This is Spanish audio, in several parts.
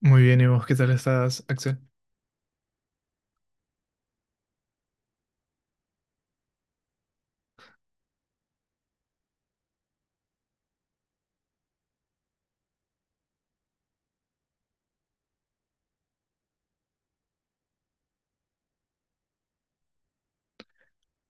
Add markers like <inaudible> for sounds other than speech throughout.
Muy bien, ¿y vos qué tal estás, Axel?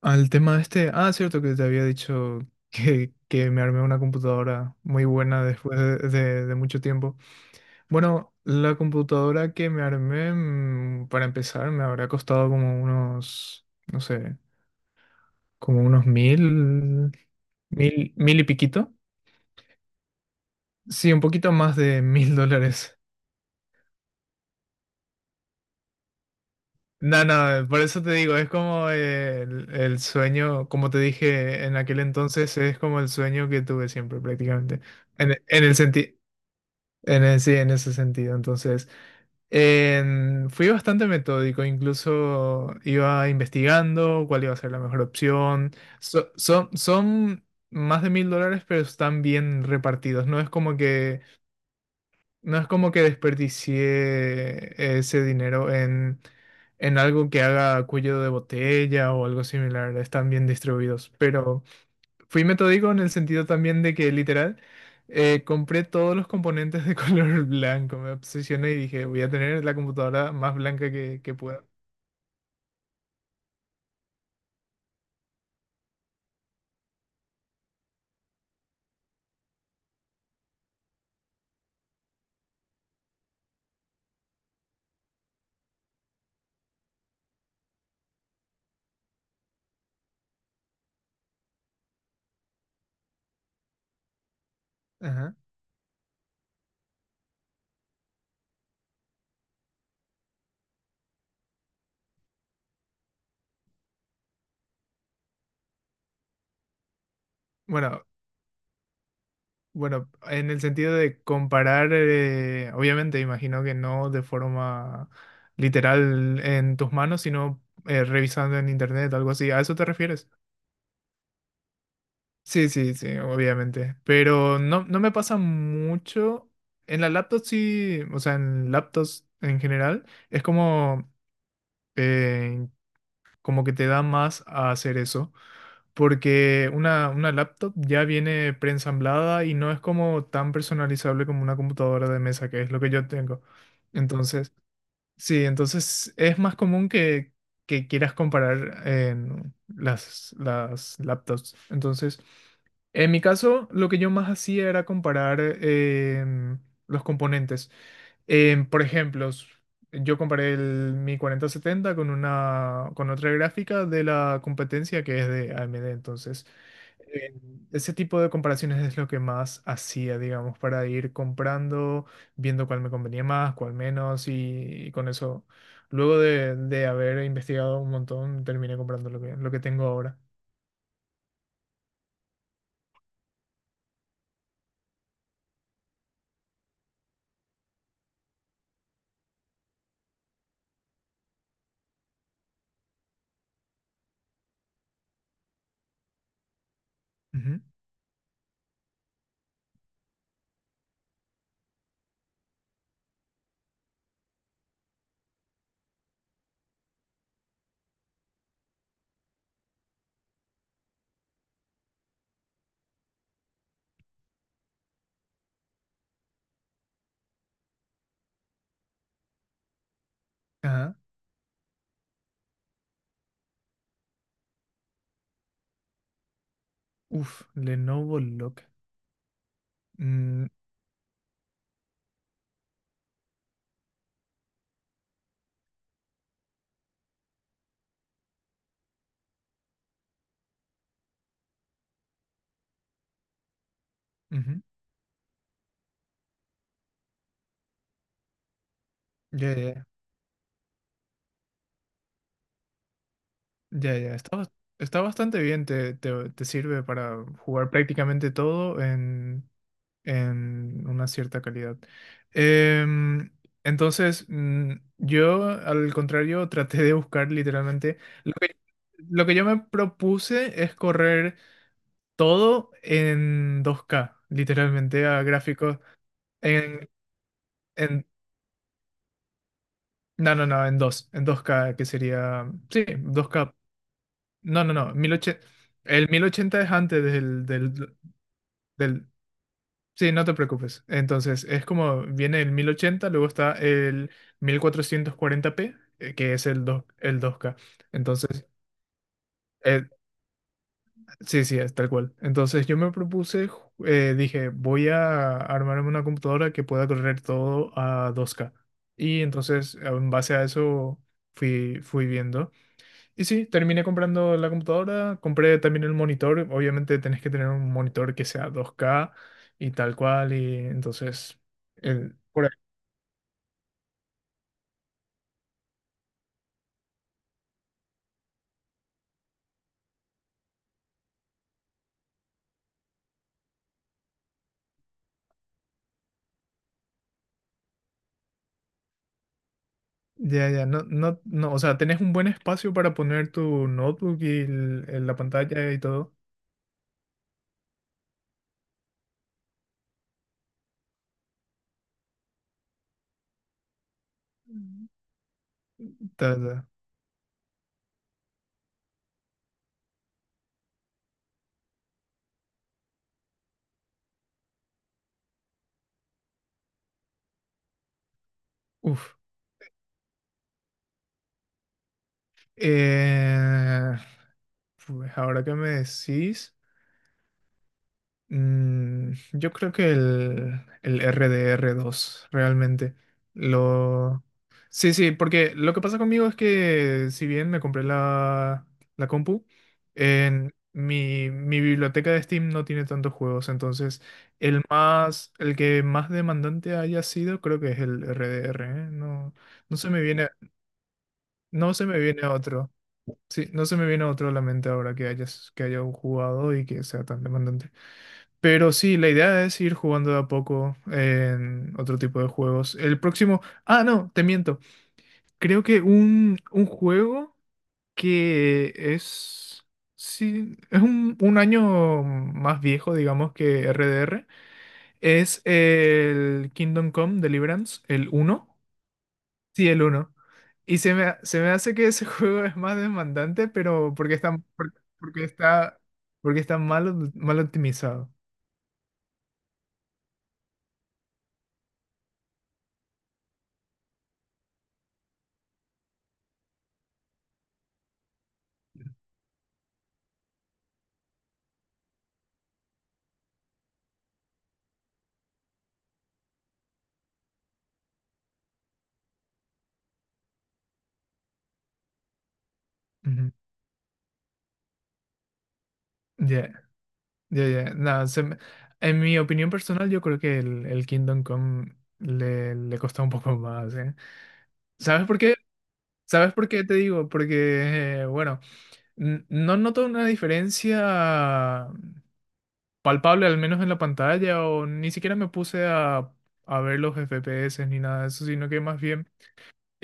Al tema este, cierto que te había dicho <laughs> que me armé una computadora muy buena después de mucho tiempo. Bueno, la computadora que me armé, para empezar, me habrá costado como unos, no sé, como unos mil y piquito. Sí, un poquito más de $1000. No, no, por eso te digo, es como el sueño, como te dije en aquel entonces, es como el sueño que tuve siempre prácticamente, en el sentido, sí, en ese sentido. Entonces, fui bastante metódico, incluso iba investigando cuál iba a ser la mejor opción. Son más de $1000, pero están bien repartidos, no es como que desperdicié ese dinero en algo que haga cuello de botella o algo similar, están bien distribuidos. Pero fui metódico en el sentido también de que literal compré todos los componentes de <laughs> color blanco, me obsesioné y dije, voy a tener la computadora más blanca que pueda. Ajá. Bueno, Bueno, en el sentido de comparar, obviamente imagino que no de forma literal en tus manos, sino revisando en internet, algo así. ¿A eso te refieres? Sí, sí, sí, obviamente. Pero no, no me pasa mucho. En la laptop sí, o sea, en laptops en general, es como, eh, como que te da más a hacer eso. Porque una laptop ya viene preensamblada y no es como tan personalizable como una computadora de mesa, que es lo que yo tengo. Entonces, Sí, entonces es más común que quieras comparar en las laptops. Entonces, en mi caso, lo que yo más hacía era comparar los componentes. Por ejemplo, yo comparé mi 4070 con con otra gráfica de la competencia que es de AMD. Entonces, ese tipo de comparaciones es lo que más hacía, digamos, para ir comprando viendo cuál me convenía más, cuál menos, y con eso, luego de haber investigado un montón, terminé comprando lo que tengo ahora. Ujú. Ajá. Uf, Lenovo Look. Mm, ujú. Ya, ya, ya, ya, ya. Está bastante bien, te sirve para jugar prácticamente todo en una cierta calidad. Em, entonces, yo, al contrario, <laughs> traté de buscar literalmente lo que, lo que yo me propuse es correr todo en 2K literalmente a gráficos en, en no, no, no, en dos k que sería, sí, 2K. No, no, no, mil ochenta el 1080 es antes del. Sí, no te preocupes. Entonces, es como viene el 1080, luego está el 1440 p que es el 2K. Entonces, eh, sí, sí, es tal cual. Entonces, yo me propuse, dije, voy a armarme una computadora que pueda correr todo a 2K. Y entonces, en base a eso, fui viendo. Y sí, terminé comprando la computadora, compré también el monitor. Obviamente tenés que tener un monitor que sea 2K y tal cual, y entonces... por ahí. Ya, ya, no, no, no, o sea, tenés un buen espacio para poner tu notebook y la pantalla y todo. Ta, ta. Uf. Eh, pues ahora que me decís... yo creo que el rdr dos realmente. Lo... Sí, sí, porque lo que pasa conmigo es que si bien me compré la compu, en mi biblioteca de Steam no tiene tantos juegos, entonces el que más demandante haya sido creo que es el RDR, ¿eh? No, no se me viene, no se me viene otro. Sí, no se me viene otro a la mente ahora que que haya jugado y que sea tan demandante. Pero sí, la idea es ir jugando de a poco en otro tipo de juegos. El próximo... Ah, no, te miento. Creo que un juego que es... Sí, es un año más viejo, digamos, que RDR. Es el Kingdom Come Deliverance, el uno. Sí, el uno. Y se me hace que ese <laughs> juego es más demandante, pero porque está, por- porque está, porque está mal optimizado. Ujú. Ya, ya, ya. No, en mi opinión personal, yo creo que el Kingdom Come le costó un poco <laughs> más, ¿eh? ¿Sabes por qué? ¿Sabes por qué te digo? Porque, bueno, no noto una diferencia palpable, al menos en la pantalla, o ni siquiera me puse a, ver los FPS ni nada de eso, sino que más bien...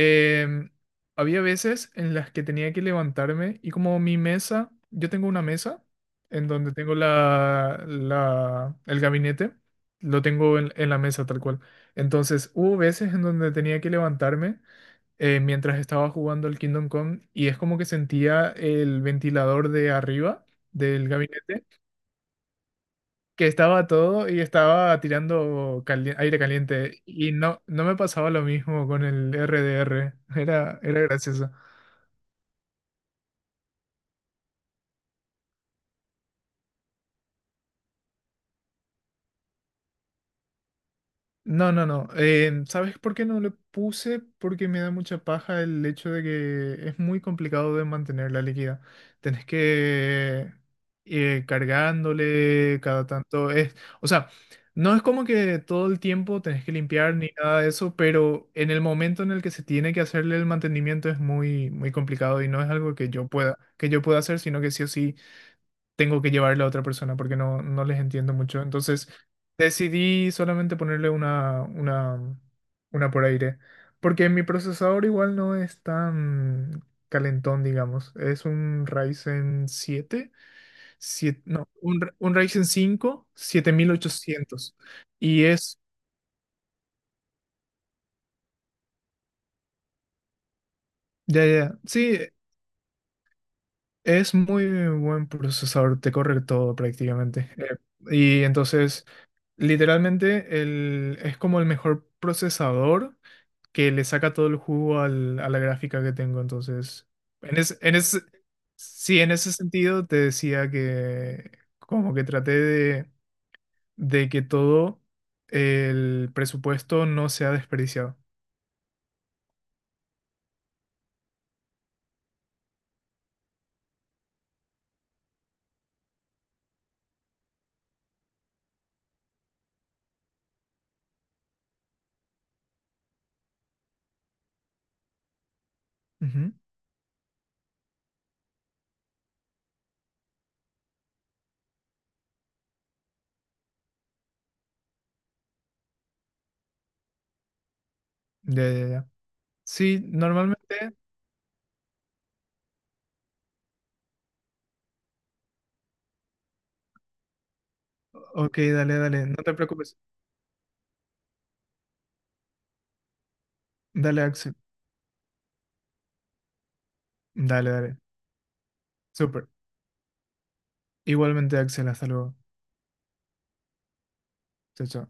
Em, había veces en las que tenía que levantarme y como mi mesa, yo tengo una mesa en donde tengo el gabinete, lo tengo en la mesa tal cual. Entonces hubo veces en donde tenía que levantarme mientras estaba jugando al Kingdom Come y es como que sentía el ventilador de arriba del gabinete que estaba todo y estaba tirando aire caliente y no me pasaba lo mismo con el RDR, era gracioso. No, no, no. ¿Sabes por qué no le puse? Porque me da mucha paja el hecho de que es muy complicado de mantener la líquida. Tenés que ir cargándole cada tanto. O sea, no es como que todo el tiempo tenés que limpiar ni nada de eso, pero en el momento en el que se tiene que hacerle el mantenimiento es muy, muy complicado y no es algo que yo pueda, hacer, sino que sí o sí tengo que llevarle a otra persona porque no les entiendo mucho. Entonces decidí solamente ponerle una por aire. Porque mi procesador igual no es tan calentón, digamos. Es un no, un Ryzen 5 7800. Y es, ya, ya, ya. Sí, es muy buen procesador, te corre todo prácticamente. Y entonces... Literalmente es como el mejor procesador que le saca todo el jugo a la gráfica que tengo. Entonces, en ese, en ese, sí, en ese sentido te decía que como que traté de que todo el presupuesto no sea desperdiciado. Ujú. Ya, ya, ya. Sí, normalmente. Ok, dale, dale. No te preocupes. Dale, Axel. Dale, dale. Súper. Igualmente, Axel. Hasta luego. Chao, chao.